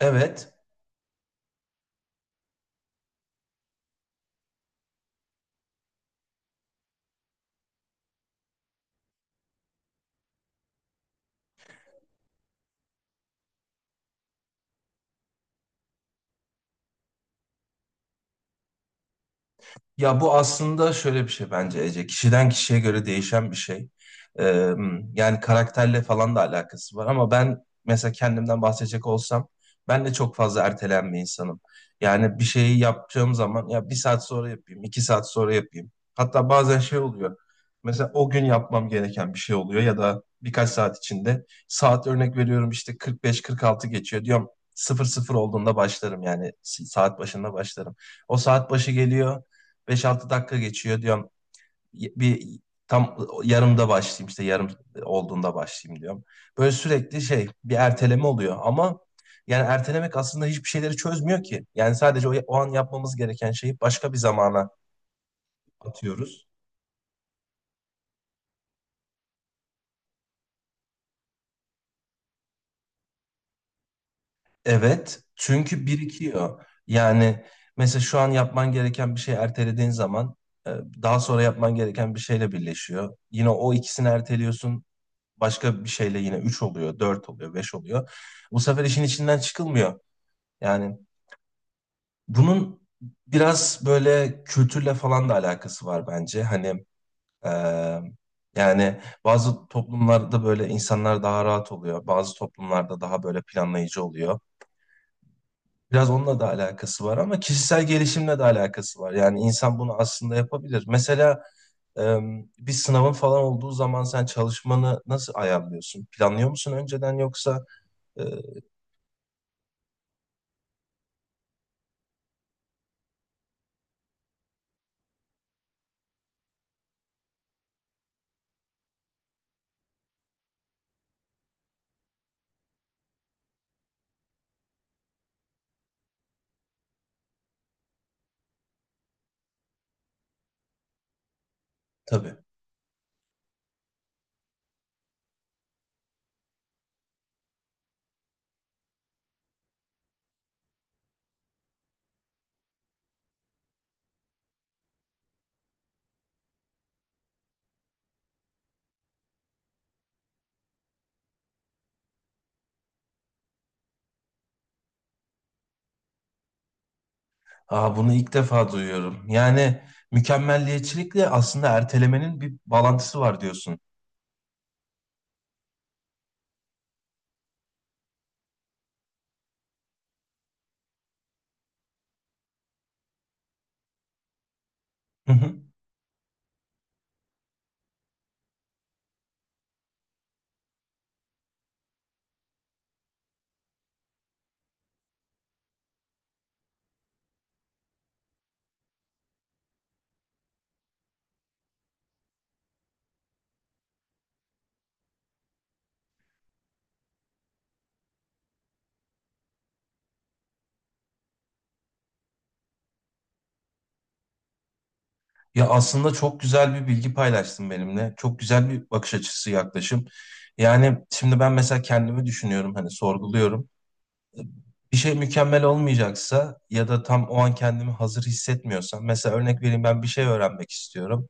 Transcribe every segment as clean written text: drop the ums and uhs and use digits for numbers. Evet. Ya bu aslında şöyle bir şey bence Ece. Kişiden kişiye göre değişen bir şey. Ee, Yani karakterle falan da alakası var ama ben mesela kendimden bahsedecek olsam ben de çok fazla ertelen bir insanım. Yani bir şeyi yapacağım zaman ya bir saat sonra yapayım, iki saat sonra yapayım. Hatta bazen şey oluyor. Mesela o gün yapmam gereken bir şey oluyor ya da birkaç saat içinde. Saat örnek veriyorum işte 45-46 geçiyor diyorum. 00 olduğunda başlarım, yani saat başında başlarım. O saat başı geliyor. 5-6 dakika geçiyor diyorum. Bir tam yarımda başlayayım, işte yarım olduğunda başlayayım diyorum. Böyle sürekli şey bir erteleme oluyor. Ama yani ertelemek aslında hiçbir şeyleri çözmüyor ki. Yani sadece o an yapmamız gereken şeyi başka bir zamana atıyoruz. Evet, çünkü birikiyor. Yani mesela şu an yapman gereken bir şey ertelediğin zaman e, daha sonra yapman gereken bir şeyle birleşiyor. Yine o ikisini erteliyorsun. Başka bir şeyle yine 3 oluyor, 4 oluyor, 5 oluyor. Bu sefer işin içinden çıkılmıyor. Yani bunun biraz böyle kültürle falan da alakası var bence. Eee, Yani bazı toplumlarda böyle insanlar daha rahat oluyor. Bazı toplumlarda daha böyle planlayıcı oluyor. Biraz onunla da alakası var ama kişisel gelişimle de alakası var. Yani insan bunu aslında yapabilir. Mesela ee, bir sınavın falan olduğu zaman sen çalışmanı nasıl ayarlıyorsun? Planlıyor musun önceden, yoksa eee, Tabii. Aa, bunu ilk defa duyuyorum. Yani mükemmelliyetçilikle aslında ertelemenin bir bağlantısı var diyorsun. Hı hı. Ya aslında çok güzel bir bilgi paylaştın benimle. Çok güzel bir bakış açısı, yaklaşım. Yani şimdi ben mesela kendimi düşünüyorum, hani sorguluyorum. Bir şey mükemmel olmayacaksa ya da tam o an kendimi hazır hissetmiyorsam, mesela örnek vereyim, ben bir şey öğrenmek istiyorum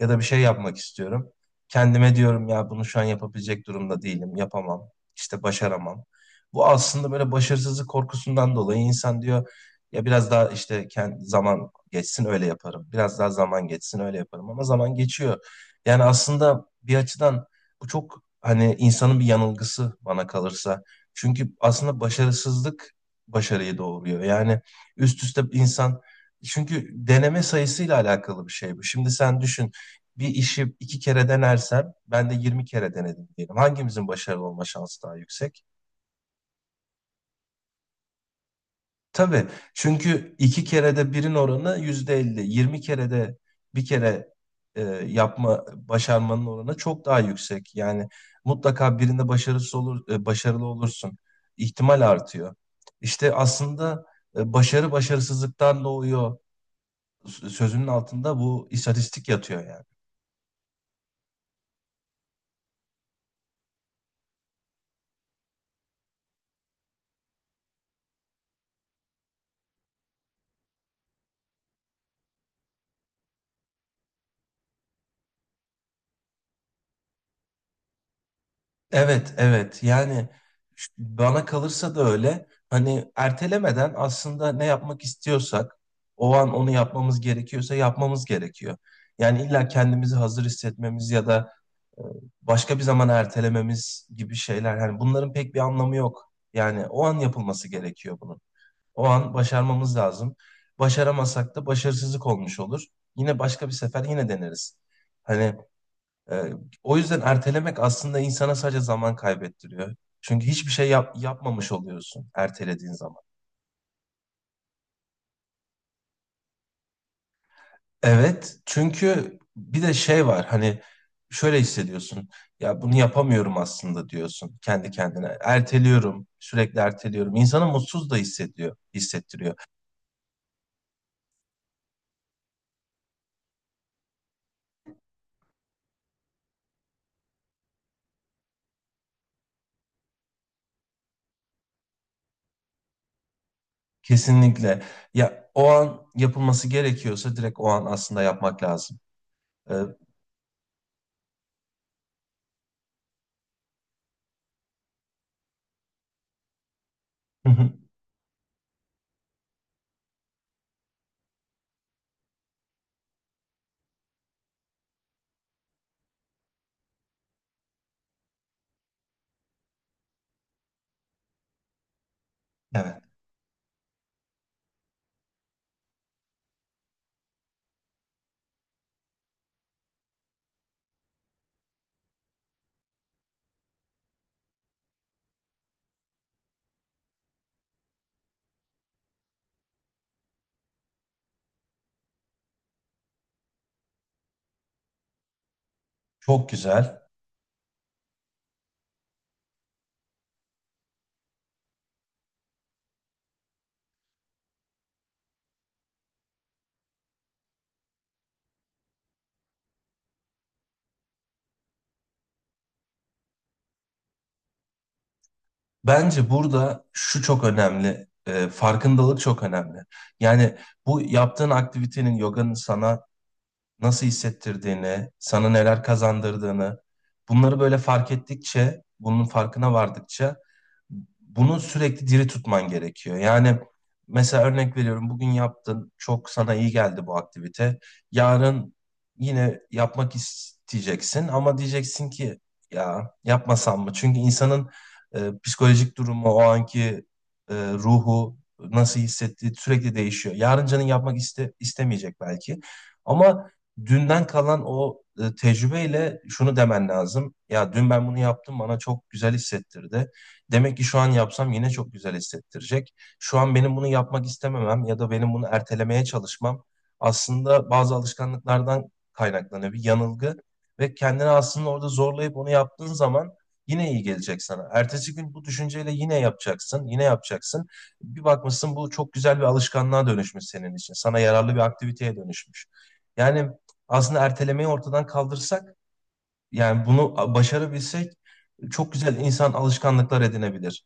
ya da bir şey yapmak istiyorum. Kendime diyorum ya bunu şu an yapabilecek durumda değilim, yapamam, işte başaramam. Bu aslında böyle başarısızlık korkusundan dolayı insan diyor ya biraz daha işte kendi zaman geçsin öyle yaparım. Biraz daha zaman geçsin öyle yaparım ama zaman geçiyor. Yani aslında bir açıdan bu çok hani insanın bir yanılgısı bana kalırsa. Çünkü aslında başarısızlık başarıyı doğuruyor. Yani üst üste insan, çünkü deneme sayısıyla alakalı bir şey bu. Şimdi sen düşün, bir işi iki kere denersem ben de 20 kere denedim diyelim. Hangimizin başarılı olma şansı daha yüksek? Tabii, çünkü iki kerede birin oranı yüzde elli. Yirmi kerede bir kere yapma, başarmanın oranı çok daha yüksek. Yani mutlaka birinde başarısız olur, başarılı olursun. İhtimal artıyor. İşte aslında başarı başarısızlıktan doğuyor sözünün altında bu istatistik yatıyor yani. Evet, evet. Yani bana kalırsa da öyle. Hani ertelemeden aslında ne yapmak istiyorsak, o an onu yapmamız gerekiyorsa yapmamız gerekiyor. Yani illa kendimizi hazır hissetmemiz ya da e, başka bir zaman ertelememiz gibi şeyler. Hani bunların pek bir anlamı yok. Yani o an yapılması gerekiyor bunun. O an başarmamız lazım. Başaramasak da başarısızlık olmuş olur. Yine başka bir sefer yine deneriz. Hani ee, O yüzden ertelemek aslında insana sadece zaman kaybettiriyor. Çünkü hiçbir şey yapmamış oluyorsun ertelediğin zaman. Evet, çünkü bir de şey var hani şöyle hissediyorsun. Ya bunu yapamıyorum aslında diyorsun kendi kendine. Erteliyorum, sürekli erteliyorum. İnsanı mutsuz da hissediyor, hissettiriyor. Kesinlikle. Ya o an yapılması gerekiyorsa direkt o an aslında yapmak lazım. Ee, evet, çok güzel. Bence burada şu çok önemli, farkındalık çok önemli. Yani bu yaptığın aktivitenin, yoganın sana nasıl hissettirdiğini, sana neler kazandırdığını, bunları böyle fark ettikçe, bunun farkına vardıkça bunu sürekli diri tutman gerekiyor. Yani mesela örnek veriyorum, bugün yaptın, çok sana iyi geldi bu aktivite. Yarın yine yapmak isteyeceksin ama diyeceksin ki ya yapmasam mı? Çünkü insanın psikolojik durumu, o anki ruhu nasıl hissettiği sürekli değişiyor. Yarın canın istemeyecek belki. Ama dünden kalan o tecrübeyle şunu demen lazım. Ya dün ben bunu yaptım, bana çok güzel hissettirdi. Demek ki şu an yapsam yine çok güzel hissettirecek. Şu an benim bunu yapmak istememem ya da benim bunu ertelemeye çalışmam aslında bazı alışkanlıklardan kaynaklanan bir yanılgı ve kendini aslında orada zorlayıp onu yaptığın zaman yine iyi gelecek sana. Ertesi gün bu düşünceyle yine yapacaksın, yine yapacaksın. Bir bakmışsın bu çok güzel bir alışkanlığa dönüşmüş senin için. Sana yararlı bir aktiviteye dönüşmüş. Yani aslında ertelemeyi ortadan kaldırsak, yani bunu başarabilsek, çok güzel insan alışkanlıklar edinebilir.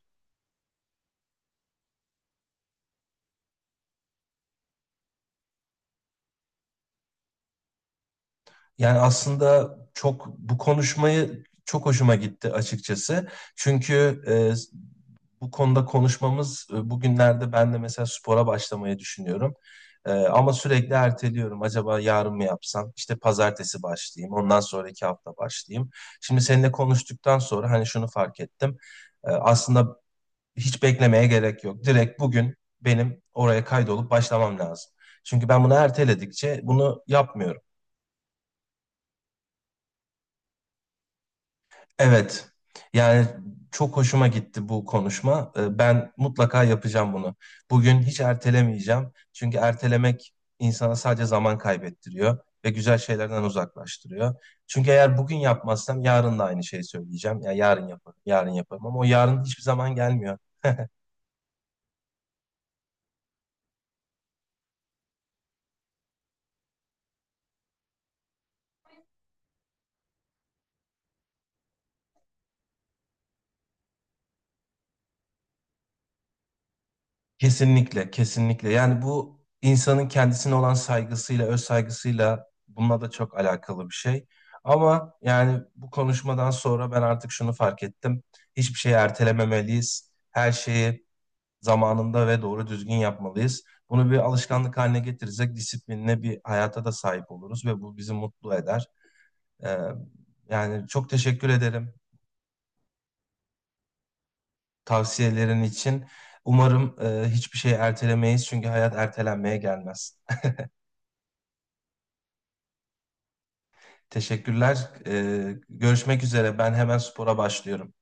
Yani aslında çok, bu konuşmayı çok hoşuma gitti açıkçası. Çünkü bu konuda konuşmamız, bugünlerde ben de mesela spora başlamayı düşünüyorum. Ama sürekli erteliyorum. Acaba yarın mı yapsam? İşte pazartesi başlayayım. Ondan sonraki hafta başlayayım. Şimdi seninle konuştuktan sonra hani şunu fark ettim. Aslında hiç beklemeye gerek yok. Direkt bugün benim oraya kaydolup başlamam lazım. Çünkü ben bunu erteledikçe bunu yapmıyorum. Evet. Yani çok hoşuma gitti bu konuşma. Ben mutlaka yapacağım bunu. Bugün hiç ertelemeyeceğim. Çünkü ertelemek insana sadece zaman kaybettiriyor ve güzel şeylerden uzaklaştırıyor. Çünkü eğer bugün yapmazsam yarın da aynı şeyi söyleyeceğim. Ya yarın yaparım, yarın yaparım ama o yarın hiçbir zaman gelmiyor. Kesinlikle, kesinlikle. Yani bu insanın kendisine olan saygısıyla, öz saygısıyla, bununla da çok alakalı bir şey. Ama yani bu konuşmadan sonra ben artık şunu fark ettim. Hiçbir şeyi ertelememeliyiz. Her şeyi zamanında ve doğru düzgün yapmalıyız. Bunu bir alışkanlık haline getirirsek disiplinli bir hayata da sahip oluruz ve bu bizi mutlu eder. Ee, Yani çok teşekkür ederim tavsiyelerin için. Umarım hiçbir şeyi ertelemeyiz çünkü hayat ertelenmeye gelmez. Teşekkürler. Görüşmek üzere. Ben hemen spora başlıyorum.